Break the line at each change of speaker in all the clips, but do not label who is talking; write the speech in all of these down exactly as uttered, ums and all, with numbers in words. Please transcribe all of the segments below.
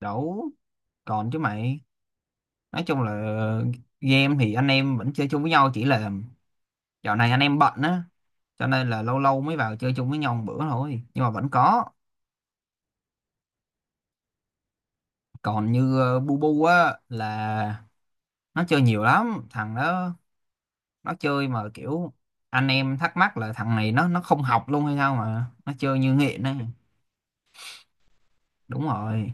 Đủ. Còn chứ mày. Nói chung là game thì anh em vẫn chơi chung với nhau, chỉ là dạo này anh em bận á, cho nên là lâu lâu mới vào chơi chung với nhau một bữa thôi, nhưng mà vẫn có. Còn như ờ, bu bu á, là nó chơi nhiều lắm thằng đó. Nó chơi mà kiểu anh em thắc mắc là thằng này nó nó không học luôn hay sao mà nó chơi như nghiện ấy. Đúng rồi.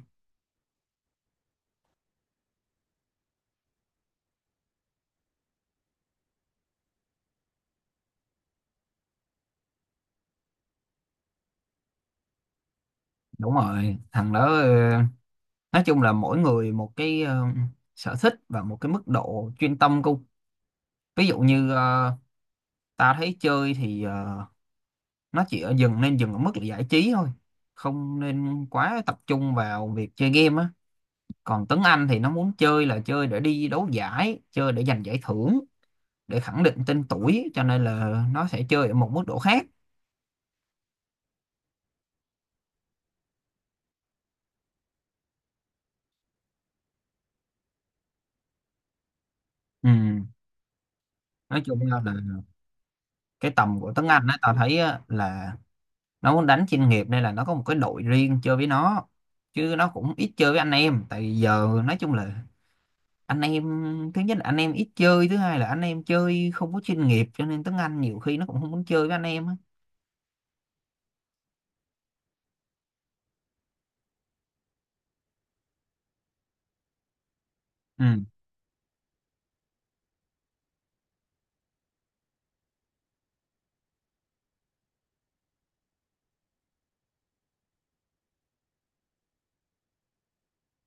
Đúng rồi, thằng đó ờ, nói chung là mỗi người một cái ờ, sở thích và một cái mức độ chuyên tâm cô. Ví dụ như ờ, tao thấy chơi thì ờ, nó chỉ ở dừng nên dừng ở mức là giải trí thôi, không nên quá tập trung vào việc chơi game á. Còn Tuấn Anh thì nó muốn chơi là chơi để đi đấu giải, chơi để giành giải thưởng, để khẳng định tên tuổi, cho nên là nó sẽ chơi ở một mức độ khác. Ừ. Nói chung là là cái tầm của Tuấn Anh á, tao thấy á, là nó muốn đánh chuyên nghiệp, nên là nó có một cái đội riêng chơi với nó, chứ nó cũng ít chơi với anh em. Tại vì giờ nói chung là anh em, thứ nhất là anh em ít chơi, thứ hai là anh em chơi không có chuyên nghiệp, cho nên Tuấn Anh nhiều khi nó cũng không muốn chơi với anh em á. Ừ.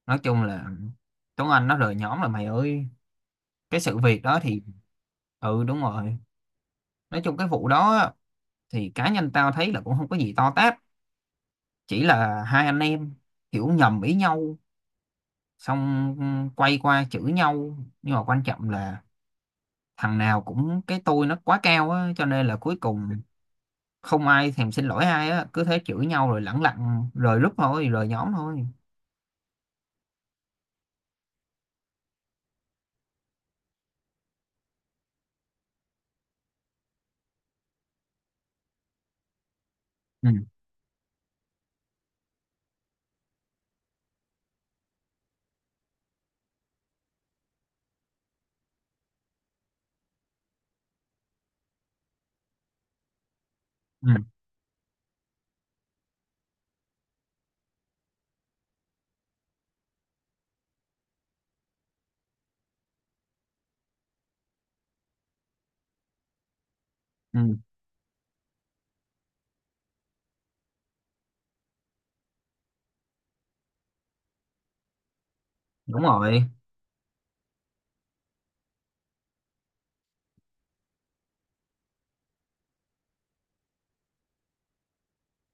Nói chung là Tuấn Anh nó rời nhóm là mày ơi, cái sự việc đó thì ừ đúng rồi. Nói chung cái vụ đó á, thì cá nhân tao thấy là cũng không có gì to tát. Chỉ là hai anh em hiểu nhầm ý nhau, xong quay qua chửi nhau, nhưng mà quan trọng là thằng nào cũng cái tôi nó quá cao á, cho nên là cuối cùng không ai thèm xin lỗi ai á, cứ thế chửi nhau rồi lẳng lặng rời group thôi, rời nhóm thôi. Ừ, ừ, ừ. Đúng rồi.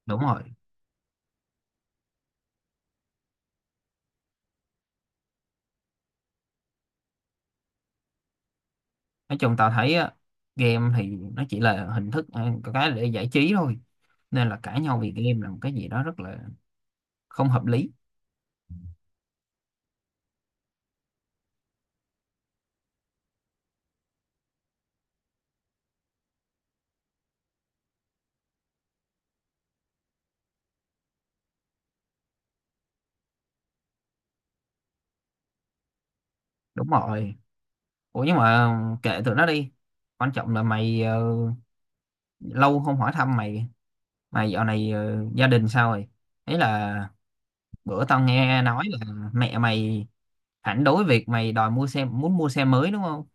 Đúng rồi. Nói chung tao thấy á, game thì nó chỉ là hình thức ờ, có cái để giải trí thôi, nên là cãi nhau vì game là một cái gì đó rất là không hợp lý. Đúng rồi. Ủa nhưng mà kệ tụi nó đi, quan trọng là mày ờ, lâu không hỏi thăm mày. Mày dạo này ờ, gia đình sao rồi? Ấy là bữa tao nghe nói là mẹ mày phản đối việc mày đòi mua xe, muốn mua xe mới đúng không?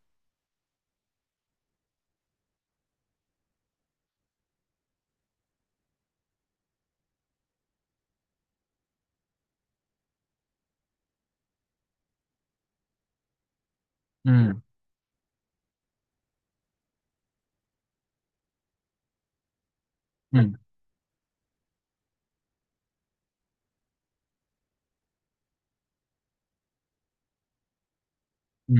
Ừ ừ ừ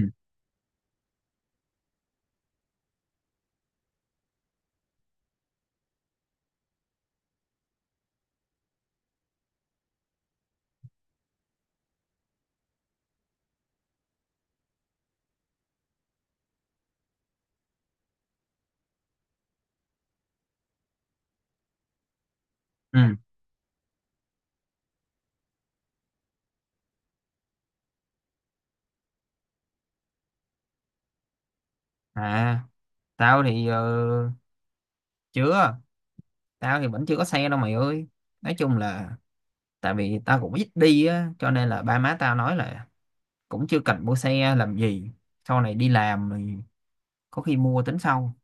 ừ. À, tao thì ờ, chưa. Tao thì vẫn chưa có xe đâu mày ơi. Nói chung là tại vì tao cũng ít đi á, cho nên là ba má tao nói là cũng chưa cần mua xe làm gì, sau này đi làm thì có khi mua tính sau.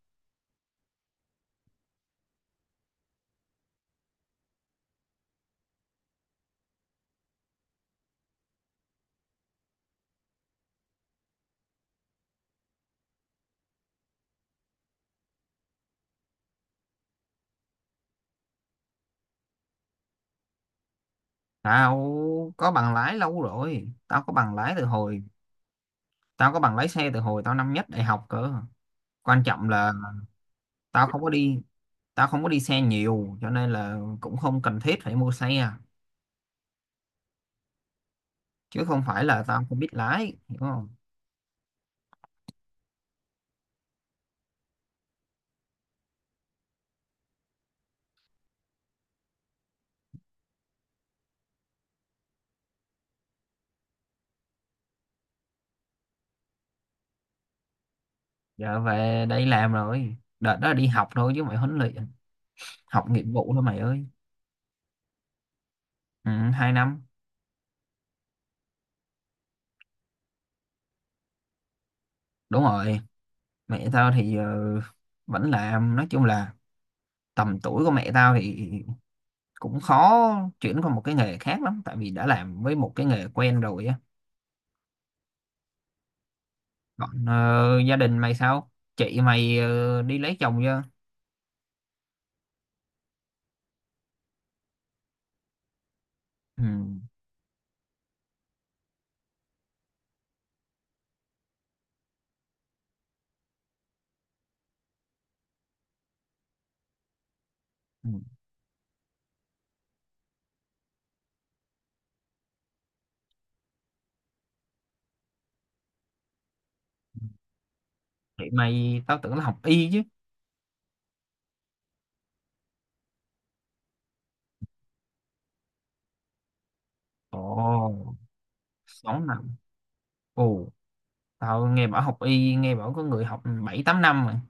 Tao có bằng lái lâu rồi, tao có bằng lái từ hồi tao có bằng lái xe từ hồi tao năm nhất đại học cơ. Quan trọng là tao không có đi tao không có đi xe nhiều, cho nên là cũng không cần thiết phải mua xe, chứ không phải là tao không biết lái, hiểu không? Giờ về đây làm rồi, đợt đó đi học thôi chứ mày, huấn luyện học nghiệp vụ thôi mày ơi. Ừ, hai năm. Đúng rồi. Mẹ tao thì ờ, vẫn làm. Nói chung là tầm tuổi của mẹ tao thì cũng khó chuyển qua một cái nghề khác lắm, tại vì đã làm với một cái nghề quen rồi á. Còn ờ, gia đình mày sao? Chị mày ờ, đi lấy chồng chưa? Ừ. Ừ. Chị mày tao tưởng là học y chứ. Ồ, sáu năm. Ồ. Tao nghe bảo học y, nghe bảo có người học bảy tám năm mà.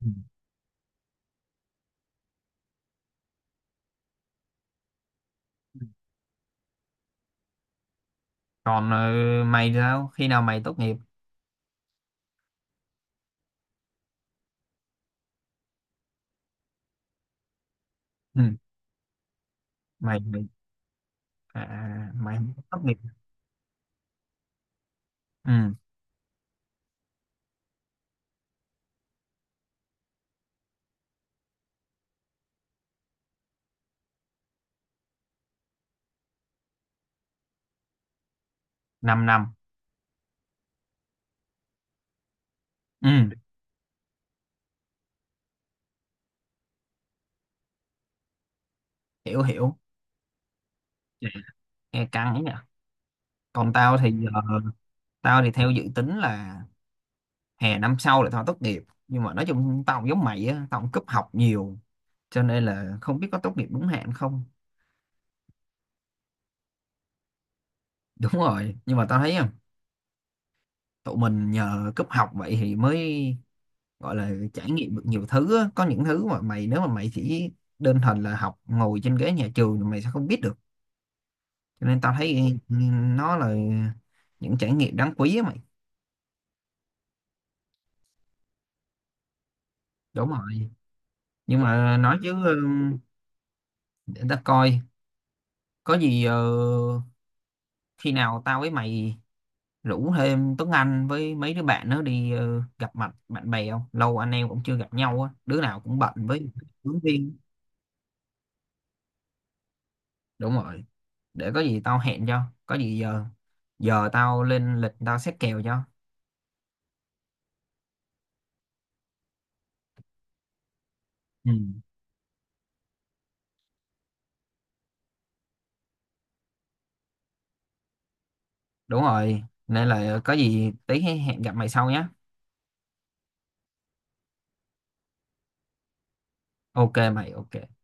Ừ. Còn ờ, mày thì sao? Khi nào mày tốt nghiệp? Ừ. Mày, mày, à, mày tốt nghiệp. Ừ. 5 năm. Năm. Ừ. Hiểu, hiểu. Dạ. Nghe căng ấy nhỉ. Còn tao thì giờ, tao thì theo dự tính là hè năm sau là tao tốt nghiệp. Nhưng mà nói chung tao cũng giống mày á, tao cũng cúp học nhiều, cho nên là không biết có tốt nghiệp đúng hạn không. Đúng rồi, nhưng mà tao thấy à, tụi mình nhờ cúp học vậy thì mới gọi là trải nghiệm được nhiều thứ á. Có những thứ mà mày, nếu mà mày chỉ đơn thuần là học ngồi trên ghế nhà trường thì mày sẽ không biết được, cho nên tao thấy ừ, nó là những trải nghiệm đáng quý á mày. Đúng rồi. Nhưng mà nói chứ ừ, để ta coi có gì ờ, khi nào tao với mày rủ thêm Tuấn Anh với mấy đứa bạn nữa đi ờ, gặp mặt bạn bè, không lâu anh em cũng chưa gặp nhau á, đứa nào cũng bận với hướng riêng. Đúng rồi, để có gì tao hẹn cho, có gì giờ giờ tao lên lịch tao xét kèo cho. Ừ. Đúng rồi, nên là có gì tí hẹn gặp mày sau nhé. Ok mày, ok.